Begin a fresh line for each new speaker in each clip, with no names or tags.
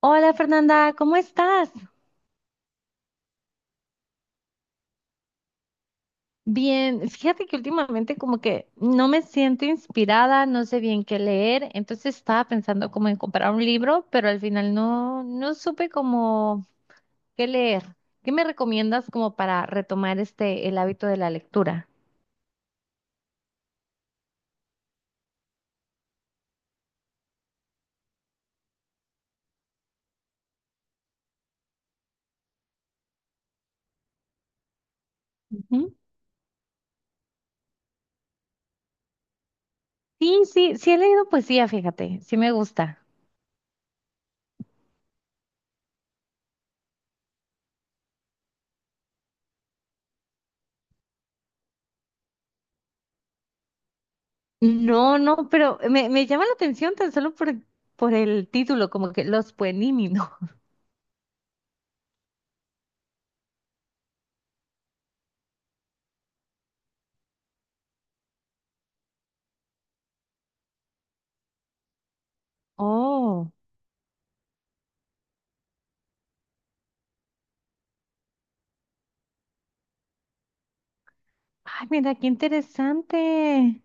Hola Fernanda, ¿cómo estás? Bien, fíjate que últimamente como que no me siento inspirada, no sé bien qué leer, entonces estaba pensando como en comprar un libro, pero al final no, no supe como qué leer. ¿Qué me recomiendas como para retomar este, el hábito de la lectura? Ujú. Sí, sí, sí he leído poesía, fíjate, sí me gusta. No, no, pero me llama la atención tan solo por el título, como que Los Pueníminos. Oh. Ay, mira, qué interesante.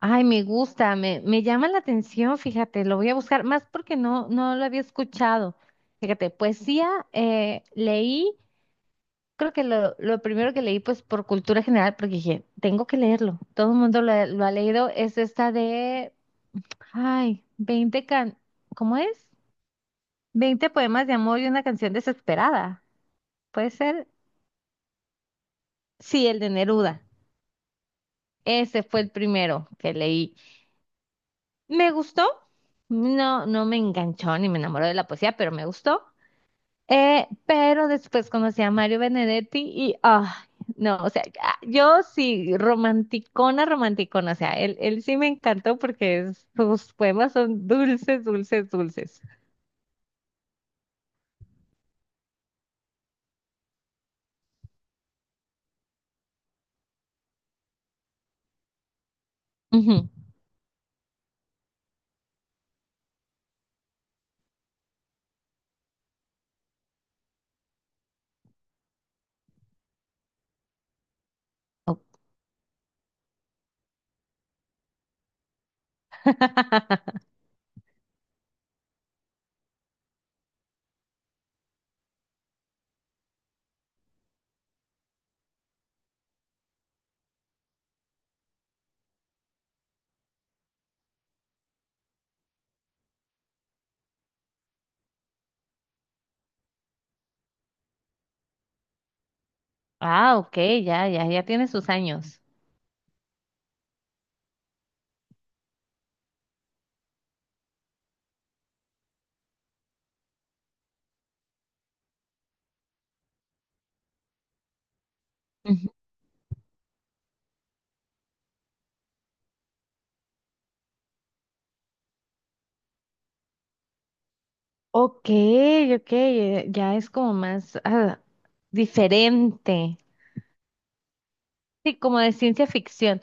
Ay, me gusta, me llama la atención, fíjate, lo voy a buscar, más porque no, no lo había escuchado. Fíjate, poesía, leí, creo que lo primero que leí, pues por cultura general, porque dije, tengo que leerlo, todo el mundo lo ha leído, es esta de, ay, 20 can, ¿cómo es? 20 poemas de amor y una canción desesperada. ¿Puede ser? Sí, el de Neruda. Ese fue el primero que leí. Me gustó. No, no me enganchó ni me enamoró de la poesía, pero me gustó. Pero después conocí a Mario Benedetti y, ah, no, o sea, ya- yo sí, romanticona, romanticona, o sea, él sí me encantó porque es- sus poemas son dulces, dulces, dulces. Ujú. Oh. Ah, ok, ya, ya, ya tiene sus años. Ujú. Ok, ok, ya es como más ah, diferente. Sí, como de ciencia ficción.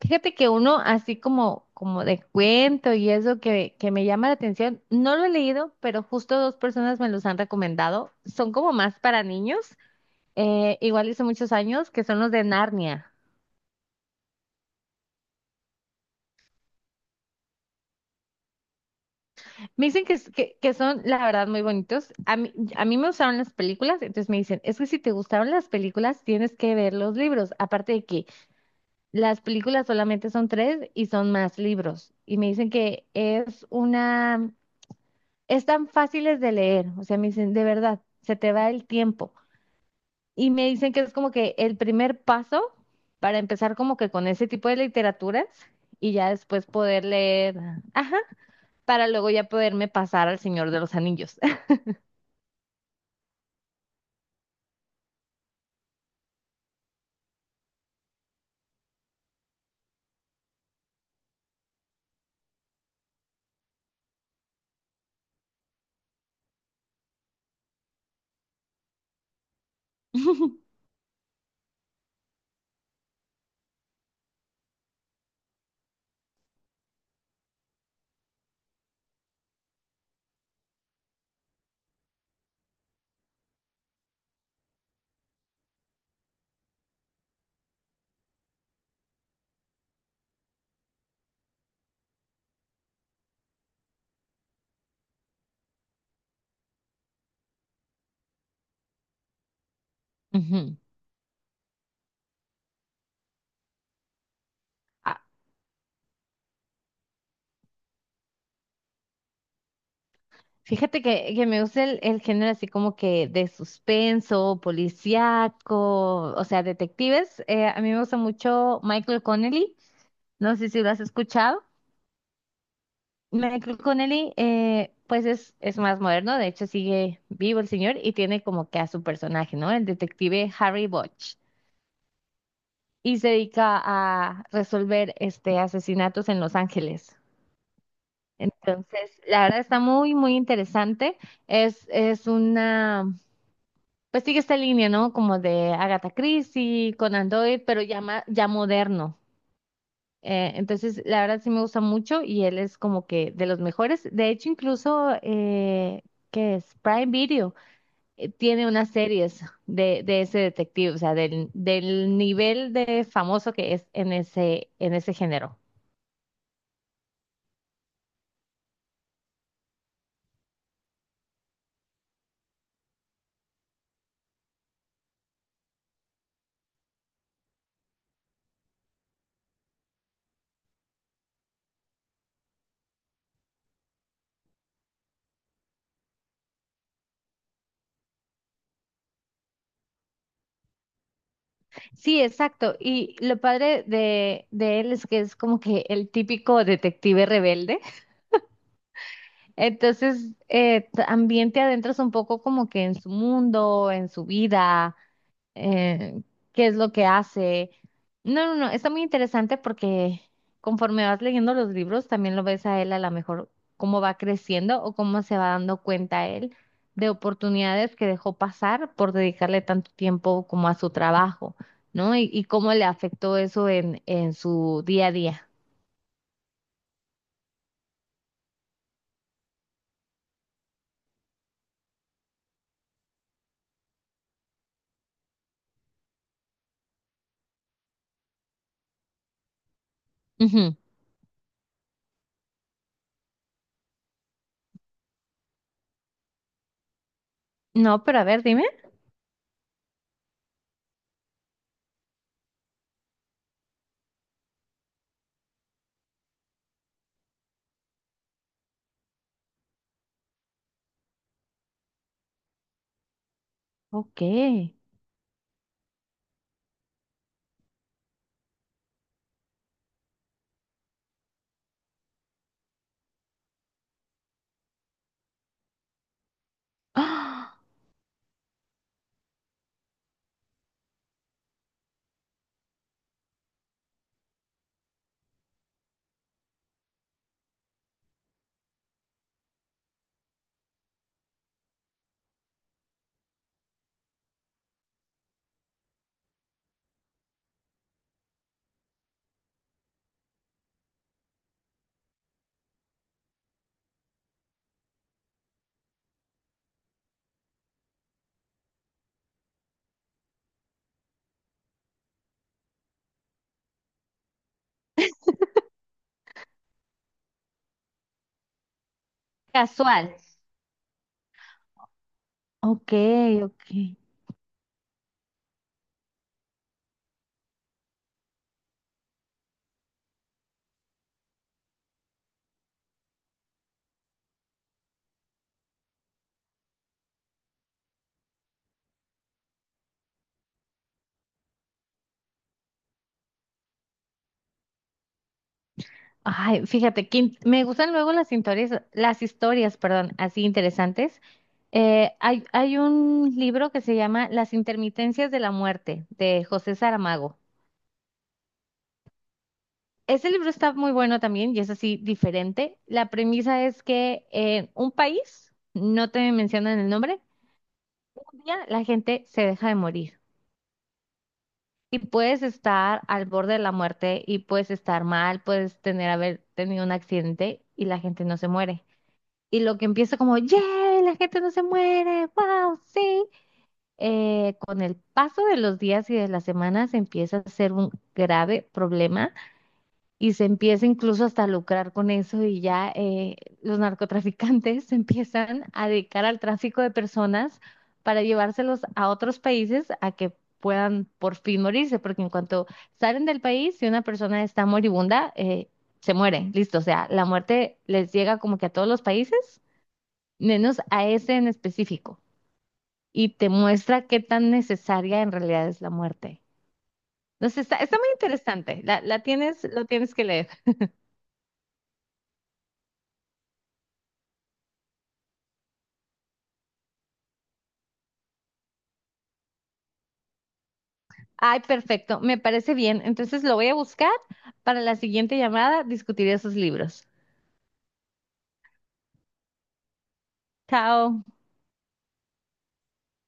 Fíjate que uno así como, como de cuento y eso que me llama la atención, no lo he leído, pero justo dos personas me los han recomendado. Son como más para niños, igual hice muchos años, que son los de Narnia. Me dicen que, es- que son, la verdad, muy bonitos. A mí me gustaron las películas, entonces me dicen, es que si te gustaron las películas, tienes que ver los libros. Aparte de que las películas solamente son tres y son más libros. Y me dicen que es una... están fáciles de leer, o sea, me dicen, de verdad, se te va el tiempo. Y me dicen que es como que el primer paso para empezar como que con ese tipo de literaturas y ya después poder leer, ajá, para luego ya poderme pasar al Señor de los Anillos. Ujú. Ah, fíjate que me gusta el género así como que de suspenso, policíaco, o sea, detectives. A mí me gusta mucho Michael Connelly, no sé si lo has escuchado. Michael Connelly, pues es más moderno, de hecho sigue vivo el señor y tiene como que a su personaje, ¿no? El detective Harry Bosch y se dedica a resolver este asesinatos en Los Ángeles. Entonces, la verdad está muy, muy interesante. Es una, pues sigue esta línea, ¿no? Como de Agatha Christie, Conan Doyle, pero ya, ma- ya moderno. Entonces, la verdad sí me gusta mucho y él es como que de los mejores. De hecho, incluso, ¿qué es? Prime Video tiene unas series de ese detective, o sea, del, del nivel de famoso que es en ese género. Sí, exacto. Y lo padre de él es que es como que el típico detective rebelde. Entonces, también te adentras un poco como que en su mundo, en su vida eh, qué es lo que hace. No, no, no, está muy interesante porque conforme vas leyendo los libros, también lo ves a él a lo mejor cómo va creciendo o cómo se va dando cuenta él de oportunidades que dejó pasar por dedicarle tanto tiempo como a su trabajo, ¿no? Y cómo le afectó eso en su día a día. Ujú. No, pero a ver, dime. Ok. ¡Ah! Casual. Ok, ok. Ay, fíjate, que in- me gustan luego las historias, perdón, así interesantes. Hay un libro que se llama Las intermitencias de la muerte, de José Saramago. Ese libro está muy bueno también y es así diferente. La premisa es que en un país, no te mencionan el nombre, un día la gente se deja de morir y puedes estar al borde de la muerte y puedes estar mal, puedes tener haber tenido un accidente y la gente no se muere. Y lo que empieza como, ¡yay! La gente no se muere, ¡wow! Sí. Con el paso de los días y de las semanas empieza a ser un grave problema y se empieza incluso hasta a lucrar con eso y ya los narcotraficantes se empiezan a dedicar al tráfico de personas para llevárselos a otros países a que puedan por fin morirse, porque en cuanto salen del país, si una persona está moribunda, se muere, listo, o sea, la muerte les llega como que a todos los países menos a ese en específico, y te muestra qué tan necesaria en realidad es la muerte. Entonces está, está muy interesante, la tienes, lo tienes que leer. Ay, perfecto, me parece bien. Entonces lo voy a buscar para la siguiente llamada, discutir esos libros. Chao.